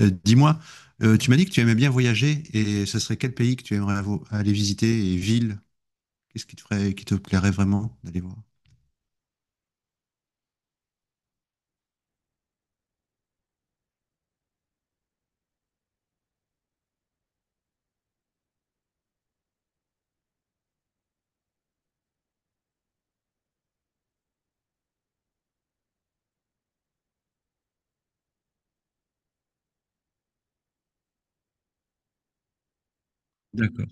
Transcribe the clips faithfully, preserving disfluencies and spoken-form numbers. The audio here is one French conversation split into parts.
Euh, Dis-moi, euh, tu m'as dit que tu aimais bien voyager et ce serait quel pays que tu aimerais avo- aller visiter et ville? Qu'est-ce qui te ferait, qui te plairait vraiment d'aller voir? D'accord.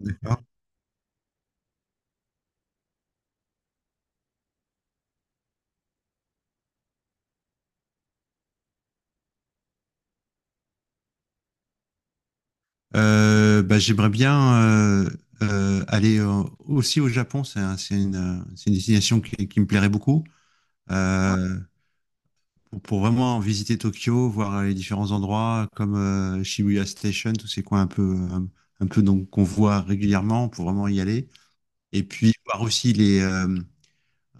D'accord. Euh, bah, j'aimerais bien euh, euh, aller euh, aussi au Japon. C'est un- c'est une, euh, c'est une destination qui, qui me plairait beaucoup. Euh, pour, pour vraiment visiter Tokyo, voir les différents endroits comme euh, Shibuya Station, tous ces coins un peu, euh, un, peu donc qu'on voit régulièrement pour vraiment y aller. Et puis voir aussi les, euh,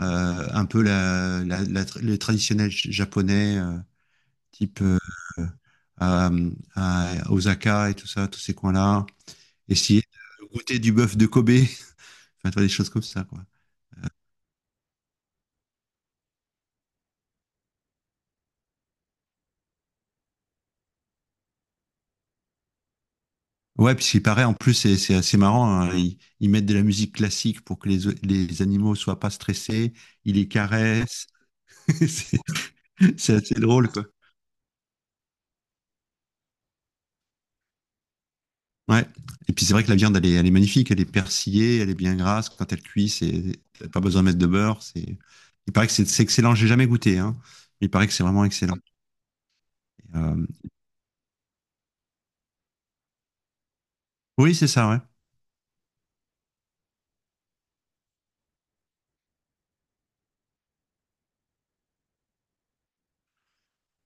euh, un peu la, la, la les traditionnels japonais, euh, type euh, à, à Osaka et tout ça, tous ces coins-là. Essayer de goûter du bœuf de Kobe, enfin, tu vois, des choses comme ça, quoi. Ouais, puisqu'il paraît, en plus, c'est c'est assez marrant, hein. Ils, ils mettent de la musique classique pour que les, les animaux soient pas stressés, ils les caressent. C'est c'est assez drôle, quoi. Ouais. Et puis c'est vrai que la viande, elle est, elle est magnifique, elle est persillée, elle est bien grasse. Quand elle cuit, c'est t'as pas besoin de mettre de beurre. C'est, il paraît que c'est, c'est excellent. J'ai jamais goûté, hein. Il paraît que c'est vraiment excellent. Euh, Oui, c'est ça, ouais.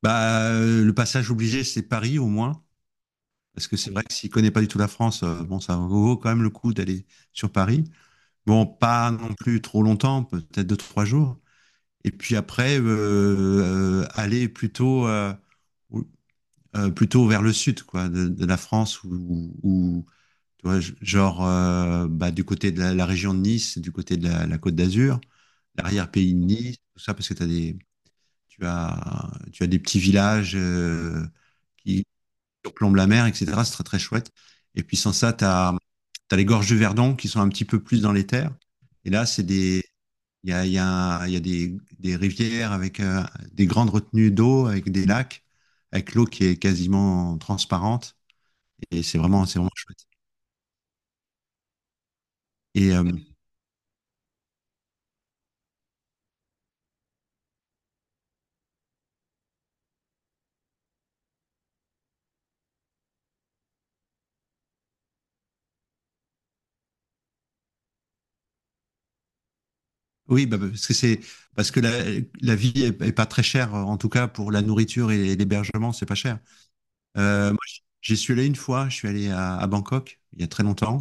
Bah, euh, le passage obligé, c'est Paris au moins, parce que c'est vrai que s'il connaît pas du tout la France, euh, bon, ça vaut quand même le coup d'aller sur Paris. Bon, pas non plus trop longtemps, peut-être deux trois jours. Et puis après, euh, euh, aller plutôt euh, euh, plutôt vers le sud quoi, de, de la France, ou, ou tu vois, genre euh, bah, du côté de la, la région de Nice, du côté de la, la Côte d'Azur, l'arrière-pays de Nice, tout ça, parce que t'as des, tu, as, tu as des petits villages euh, qui surplombe la mer, et cetera. C'est très très chouette. Et puis sans ça, tu as, les gorges du Verdon qui sont un petit peu plus dans les terres. Et là, c'est des, il y a, il y a, il y a des, des rivières avec euh, des grandes retenues d'eau, avec des lacs, avec l'eau qui est quasiment transparente. Et c'est vraiment, c'est vraiment chouette. Et euh, oui, bah, parce que c'est parce que la, la vie est, est pas très chère, en tout cas pour la nourriture et l'hébergement, c'est pas cher. Euh, moi, j'y suis allé une fois, je suis allé à, à Bangkok il y a très longtemps.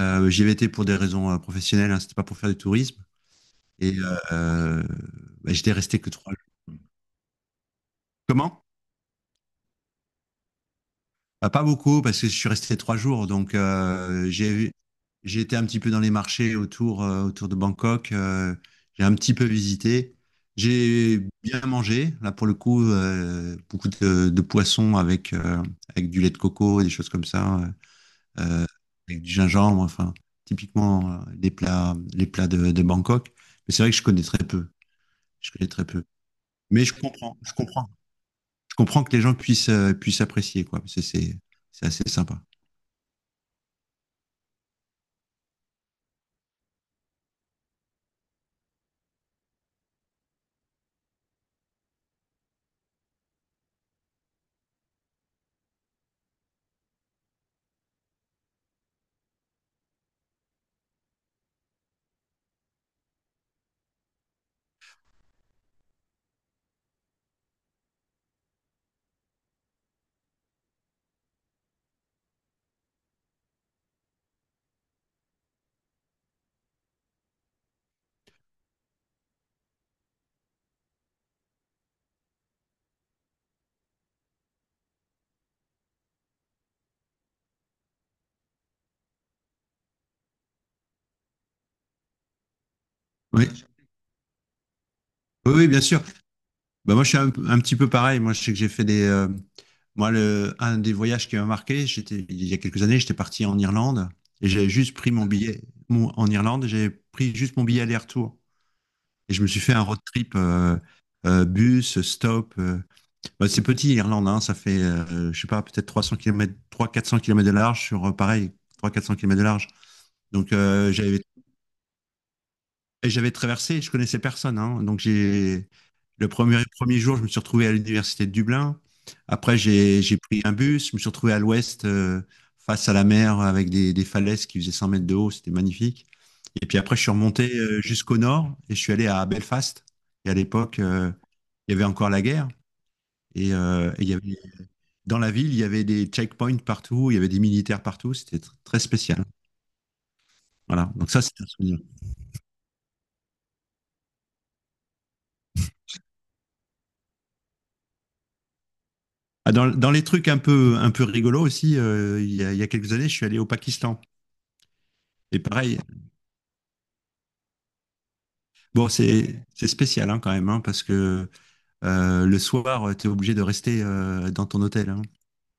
Euh, j'y avais été pour des raisons euh, professionnelles, hein, c'était pas pour faire du tourisme. Et euh, euh, Bah, j'étais resté que trois jours. Comment? Bah, pas beaucoup, parce que je suis resté trois jours. Donc, euh, j'ai, j'ai été un petit peu dans les marchés autour, euh, autour de Bangkok. Euh, j'ai un petit peu visité. J'ai bien mangé, là pour le coup, euh, beaucoup de, de poissons avec, euh, avec du lait de coco, des choses comme ça, euh, avec du gingembre, enfin, typiquement euh, les plats, les plats de, de Bangkok. Mais c'est vrai que je connais très peu. Je connais très peu. Mais je comprends, je comprends. Je comprends que les gens puissent, euh, puissent apprécier, quoi, parce que c'est, c'est assez sympa. Oui, oui, oui, bien sûr. Bah, moi, je suis un, un petit peu pareil. Moi, je sais que j'ai fait des. Euh, moi, le, un des voyages qui m'a marqué, j'étais, il y a quelques années, j'étais parti en Irlande et j'avais juste pris mon billet. Mon- en Irlande, j'avais pris juste mon billet aller-retour. Et je me suis fait un road trip, euh, euh, bus, stop. euh. Bah, c'est petit, l'Irlande, hein, ça fait, euh, je sais pas, peut-être trois cents kilomètres, trois quatre cents kilomètres de large sur, euh, pareil, trois quatre cents kilomètres de large. Donc, euh, j'avais, et j'avais traversé, je connaissais personne, hein. donc, j'ai. Le premier, premier jour, je me suis retrouvé à l'université de Dublin. Après, j'ai j'ai pris un bus, je me suis retrouvé à l'ouest, euh, face à la mer, avec des, des falaises qui faisaient cent mètres de haut, c'était magnifique. Et puis après, je suis remonté euh, jusqu'au nord et je suis allé à Belfast. Et à l'époque, euh, il y avait encore la guerre. Et, euh, et il y avait, dans la ville, il y avait des checkpoints partout, il y avait des militaires partout, c'était tr- très spécial. Voilà, donc ça, c'est un souvenir. Ah, dans, dans les trucs un peu, un peu rigolos aussi, euh, il y a, il y a quelques années, je suis allé au Pakistan. Et pareil. Bon, c'est c'est spécial, hein, quand même, hein, parce que euh, le soir, tu es obligé de rester euh, dans ton hôtel, hein.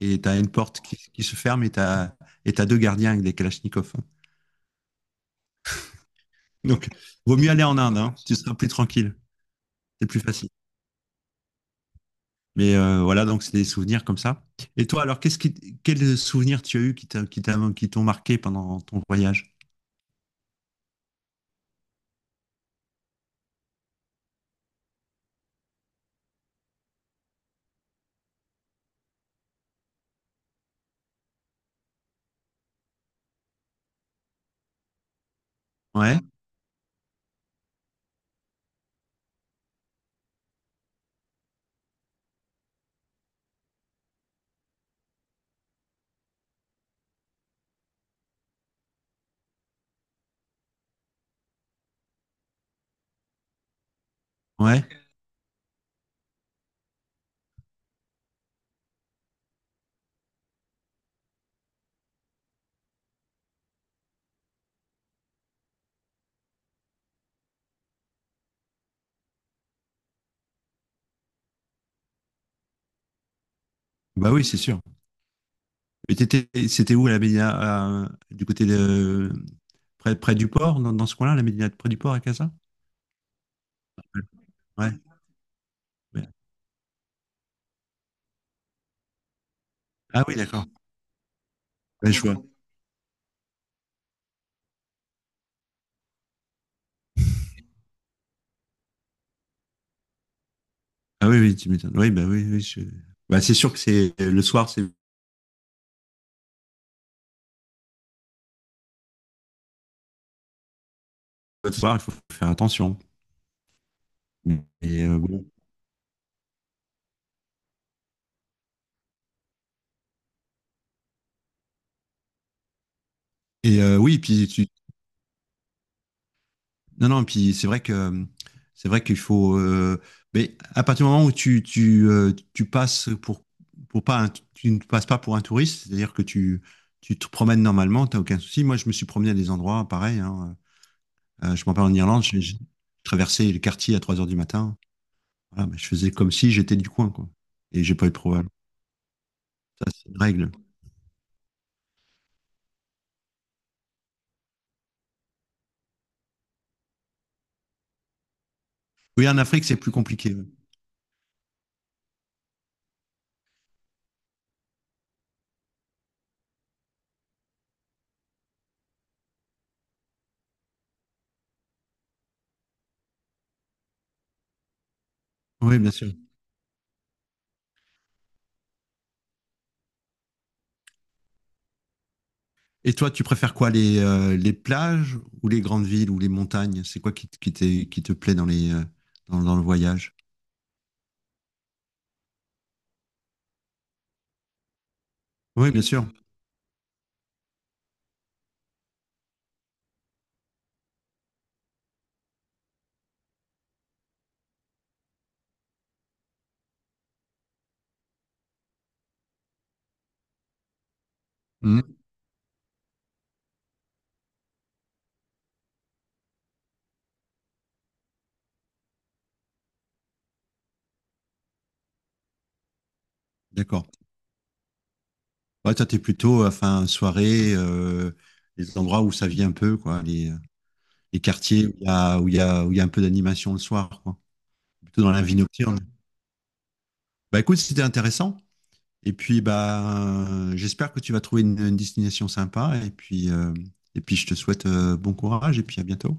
Et tu as une porte qui, qui se ferme et tu as, et t'as deux gardiens avec des kalachnikovs, hein. Donc, vaut mieux aller en Inde, hein, tu seras plus tranquille, c'est plus facile. Mais euh, voilà, donc c'est des souvenirs comme ça. Et toi, alors, qu'est-ce qui, quels souvenirs tu as eu qui t'a- qui t'a- qui t'ont marqué pendant ton voyage? Ouais, ouais. Bah oui, c'est sûr. Et t'étais- C'était où la médina, euh, du côté de près, près du port, dans, dans ce coin-là, la médina près du port à Casa? Ouais. Ouais. Ah oui, d'accord. Ouais, je vois. Ah, oui, oui, tu m'étonnes. Oui, bah oui, oui, je- bah, c'est sûr que c'est le soir, c'est le soir, il faut faire attention. Et euh, bon. Et euh, oui, puis tu, non, non, puis c'est vrai que c'est vrai qu'il faut. Euh, mais à partir du moment où tu, tu, euh, tu passes pour, pour pas un- tu ne passes pas pour un touriste, c'est-à-dire que tu, tu te promènes normalement, t'as aucun souci. Moi, je me suis promené à des endroits pareils, hein. Euh, je m'en parle en Irlande, j'ai j'ai traversé le quartier à trois heures du matin. Voilà, mais je faisais comme si j'étais du coin, quoi. Et j'ai pas eu de problème. Ça, c'est une règle. Oui, en Afrique, c'est plus compliqué, ouais. Oui, bien sûr. Et toi, tu préfères quoi, les, euh, les plages ou les grandes villes ou les montagnes? C'est quoi qui, te- qui, t'est- qui te plaît dans les, euh, dans, dans le voyage? Oui, bien sûr. Mhm. D'accord. Ouais, toi, t'es plutôt, enfin, soirée, euh, les endroits où ça vit un peu, quoi, les, euh, les quartiers où il y a, où il y a, où il y a un peu d'animation le soir, quoi. Plutôt dans la vie nocturne. Bah, écoute, c'était intéressant. Et puis, bah, euh, j'espère que tu vas trouver une, une destination sympa. Et puis, euh, et puis, je te souhaite, euh, bon courage et puis à bientôt.